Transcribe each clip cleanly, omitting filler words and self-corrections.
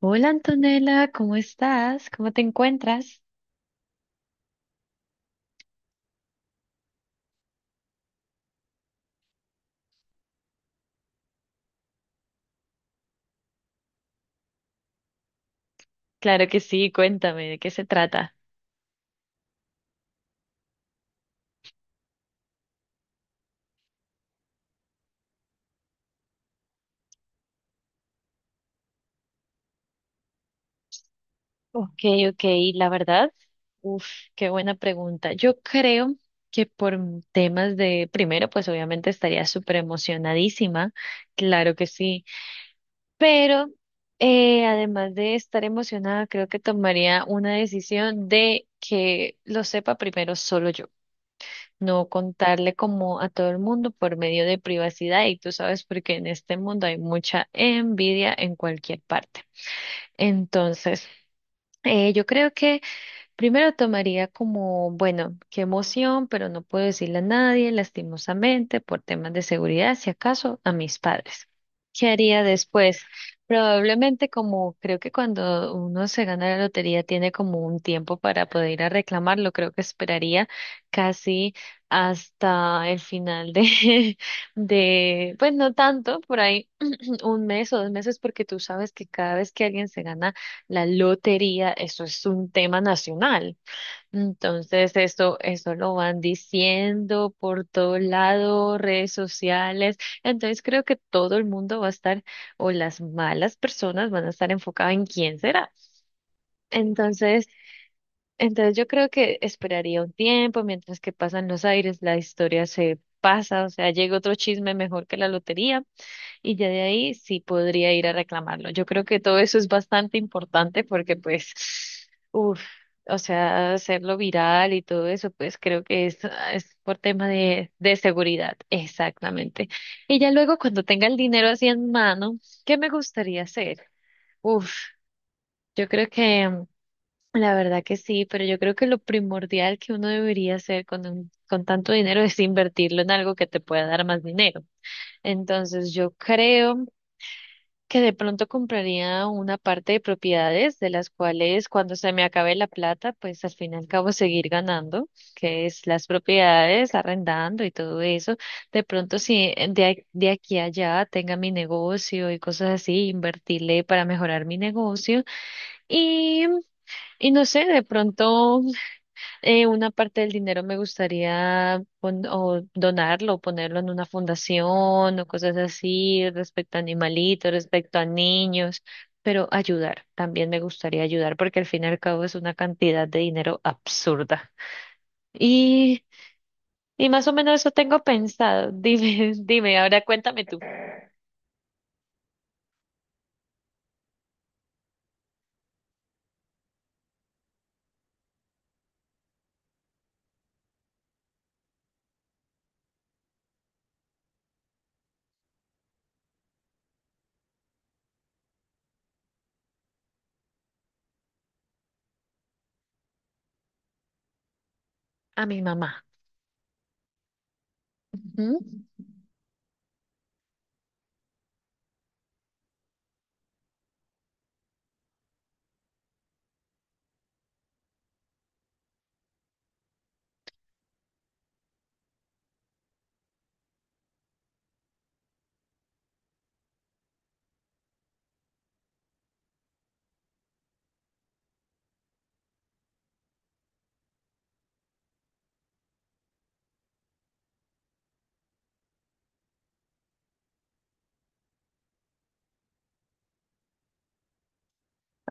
Hola Antonella, ¿cómo estás? ¿Cómo te encuentras? Claro que sí, cuéntame, ¿de qué se trata? Ok, ok, la verdad, uf, qué buena pregunta. Yo creo que temas de, primero, pues obviamente estaría súper emocionadísima, claro que sí, pero además de estar emocionada, creo que tomaría una decisión de que lo sepa primero solo yo. No contarle como a todo el mundo por medio de privacidad y tú sabes porque en este mundo hay mucha envidia en cualquier parte. Entonces, yo creo que primero tomaría como, bueno, qué emoción, pero no puedo decirle a nadie, lastimosamente, por temas de seguridad, si acaso, a mis padres. ¿Qué haría después? Probablemente como creo que cuando uno se gana la lotería tiene como un tiempo para poder ir a reclamarlo, creo que esperaría casi hasta el final de, de, pues no tanto, por ahí un mes o 2 meses, porque tú sabes que cada vez que alguien se gana la lotería, eso es un tema nacional. Entonces, eso lo van diciendo por todo lado, redes sociales. Entonces, creo que todo el mundo va a estar, o las malas personas van a estar enfocadas en quién será. Entonces, entonces, yo creo que esperaría un tiempo mientras que pasan los aires, la historia se pasa, o sea, llega otro chisme mejor que la lotería. Y ya de ahí sí podría ir a reclamarlo. Yo creo que todo eso es bastante importante porque pues, uff, o sea, hacerlo viral y todo eso, pues creo que es por tema de seguridad. Exactamente. Y ya luego cuando tenga el dinero así en mano, ¿qué me gustaría hacer? Uff, yo creo que la verdad que sí, pero yo creo que lo primordial que uno debería hacer con tanto dinero es invertirlo en algo que te pueda dar más dinero. Entonces yo creo que de pronto compraría una parte de propiedades de las cuales cuando se me acabe la plata, pues al fin y al cabo seguir ganando, que es las propiedades, arrendando y todo eso. De pronto si de aquí a allá tenga mi negocio y cosas así, invertirle para mejorar mi negocio y, y no sé, de pronto una parte del dinero me gustaría pon- o donarlo, o ponerlo en una fundación o cosas así respecto a animalitos, respecto a niños, pero ayudar, también me gustaría ayudar porque al fin y al cabo es una cantidad de dinero absurda. Y, y más o menos eso tengo pensado. Dime, dime, ahora cuéntame tú. A mi mamá. Ujú.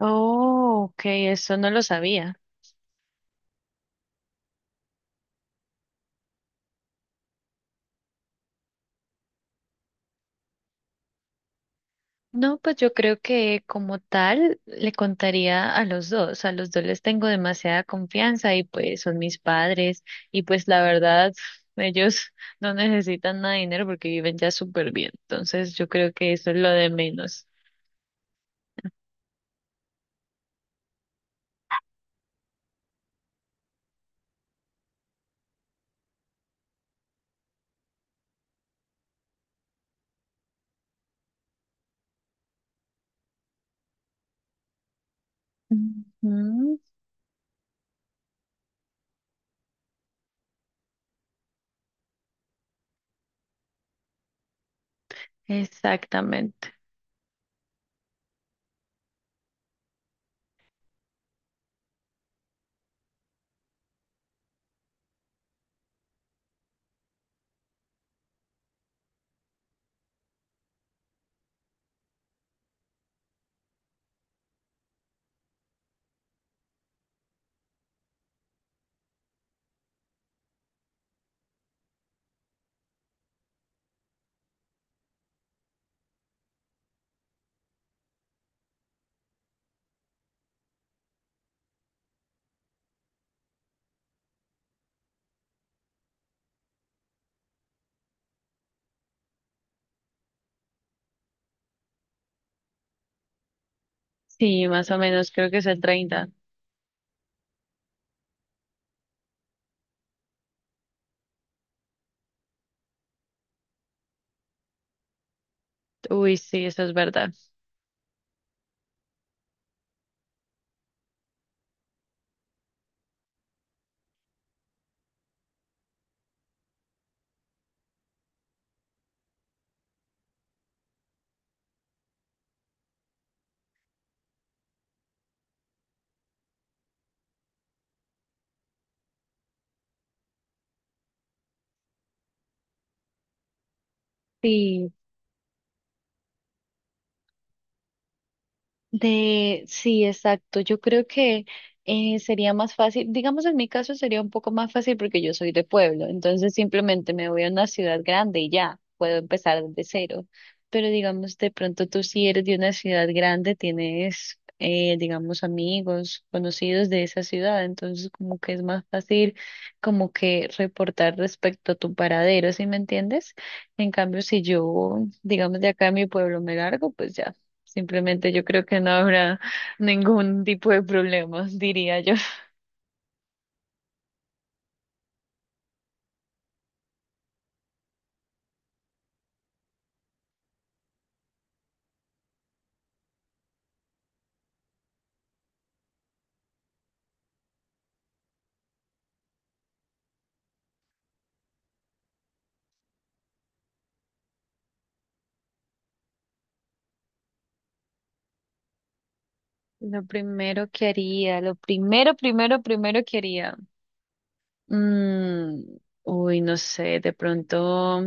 Oh, ok, eso no lo sabía. No, pues yo creo que como tal le contaría a los dos les tengo demasiada confianza y pues son mis padres y pues la verdad ellos no necesitan nada de dinero porque viven ya súper bien, entonces yo creo que eso es lo de menos. Ujú, exactamente. Sí, más o menos creo que es el 30. Uy, sí, eso es verdad. Sí. Sí, exacto. Yo creo que sería más fácil, digamos en mi caso sería un poco más fácil porque yo soy de pueblo, entonces simplemente me voy a una ciudad grande y ya puedo empezar desde cero. Pero digamos, de pronto tú si eres de una ciudad grande, tienes, digamos, amigos, conocidos de esa ciudad, entonces como que es más fácil como que reportar respecto a tu paradero, ¿sí me entiendes? En cambio, si yo, digamos, de acá a mi pueblo me largo, pues ya. Simplemente yo creo que no habrá ningún tipo de problemas, diría yo. Lo primero que haría, lo primero, primero, primero que haría. mm, uy, no sé, de pronto.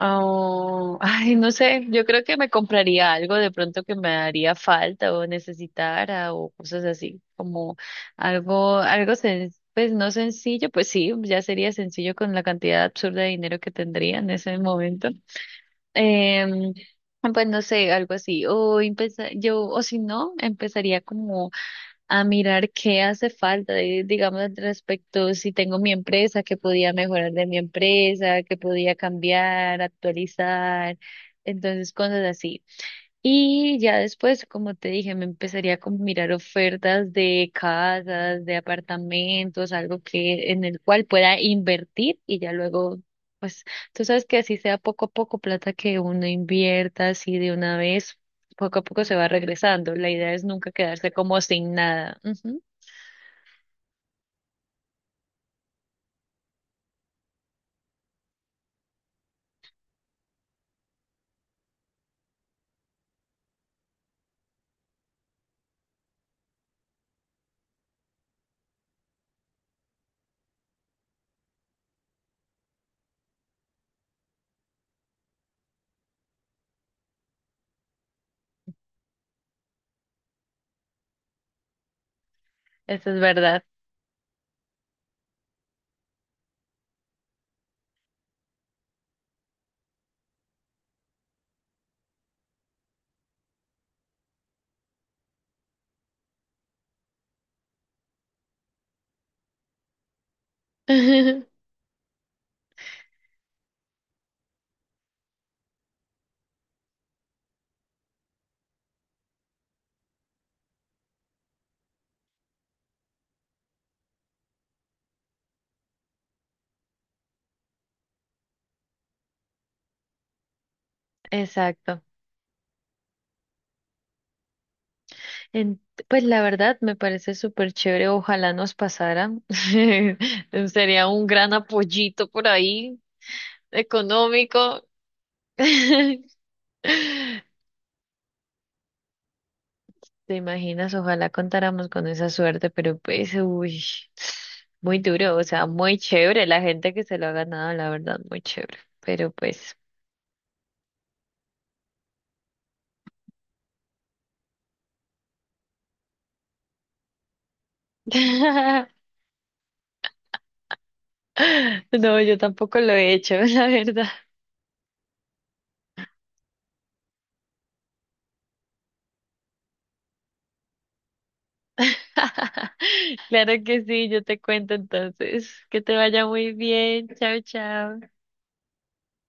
Oh, ay, no sé, yo creo que me compraría algo de pronto que me haría falta o necesitara o cosas así, como algo, pues no sencillo, pues sí, ya sería sencillo con la cantidad absurda de dinero que tendría en ese momento. Em, pues no sé, algo así. O o si no, empezaría como a mirar qué hace falta, digamos, al respecto, si tengo mi empresa, qué podía mejorar de mi empresa, qué podía cambiar, actualizar, entonces cosas así. Y ya después, como te dije, me empezaría como a mirar ofertas de casas, de apartamentos, algo que en el cual pueda invertir y ya luego, pues, tú sabes que así sea poco a poco plata que uno invierta así de una vez, poco a poco se va regresando. La idea es nunca quedarse como sin nada. Ujú, eso es verdad. Exacto. En- pues la verdad me parece súper chévere, ojalá nos pasara. Sería un gran apoyito por ahí. Económico. ¿Te imaginas? Ojalá contáramos con esa suerte, pero pues, uy, muy duro, o sea, muy chévere la gente que se lo ha ganado, la verdad, muy chévere, pero pues, no, yo tampoco lo he hecho, la verdad. Claro que sí, yo te cuento entonces, que te vaya muy bien, chao, chao.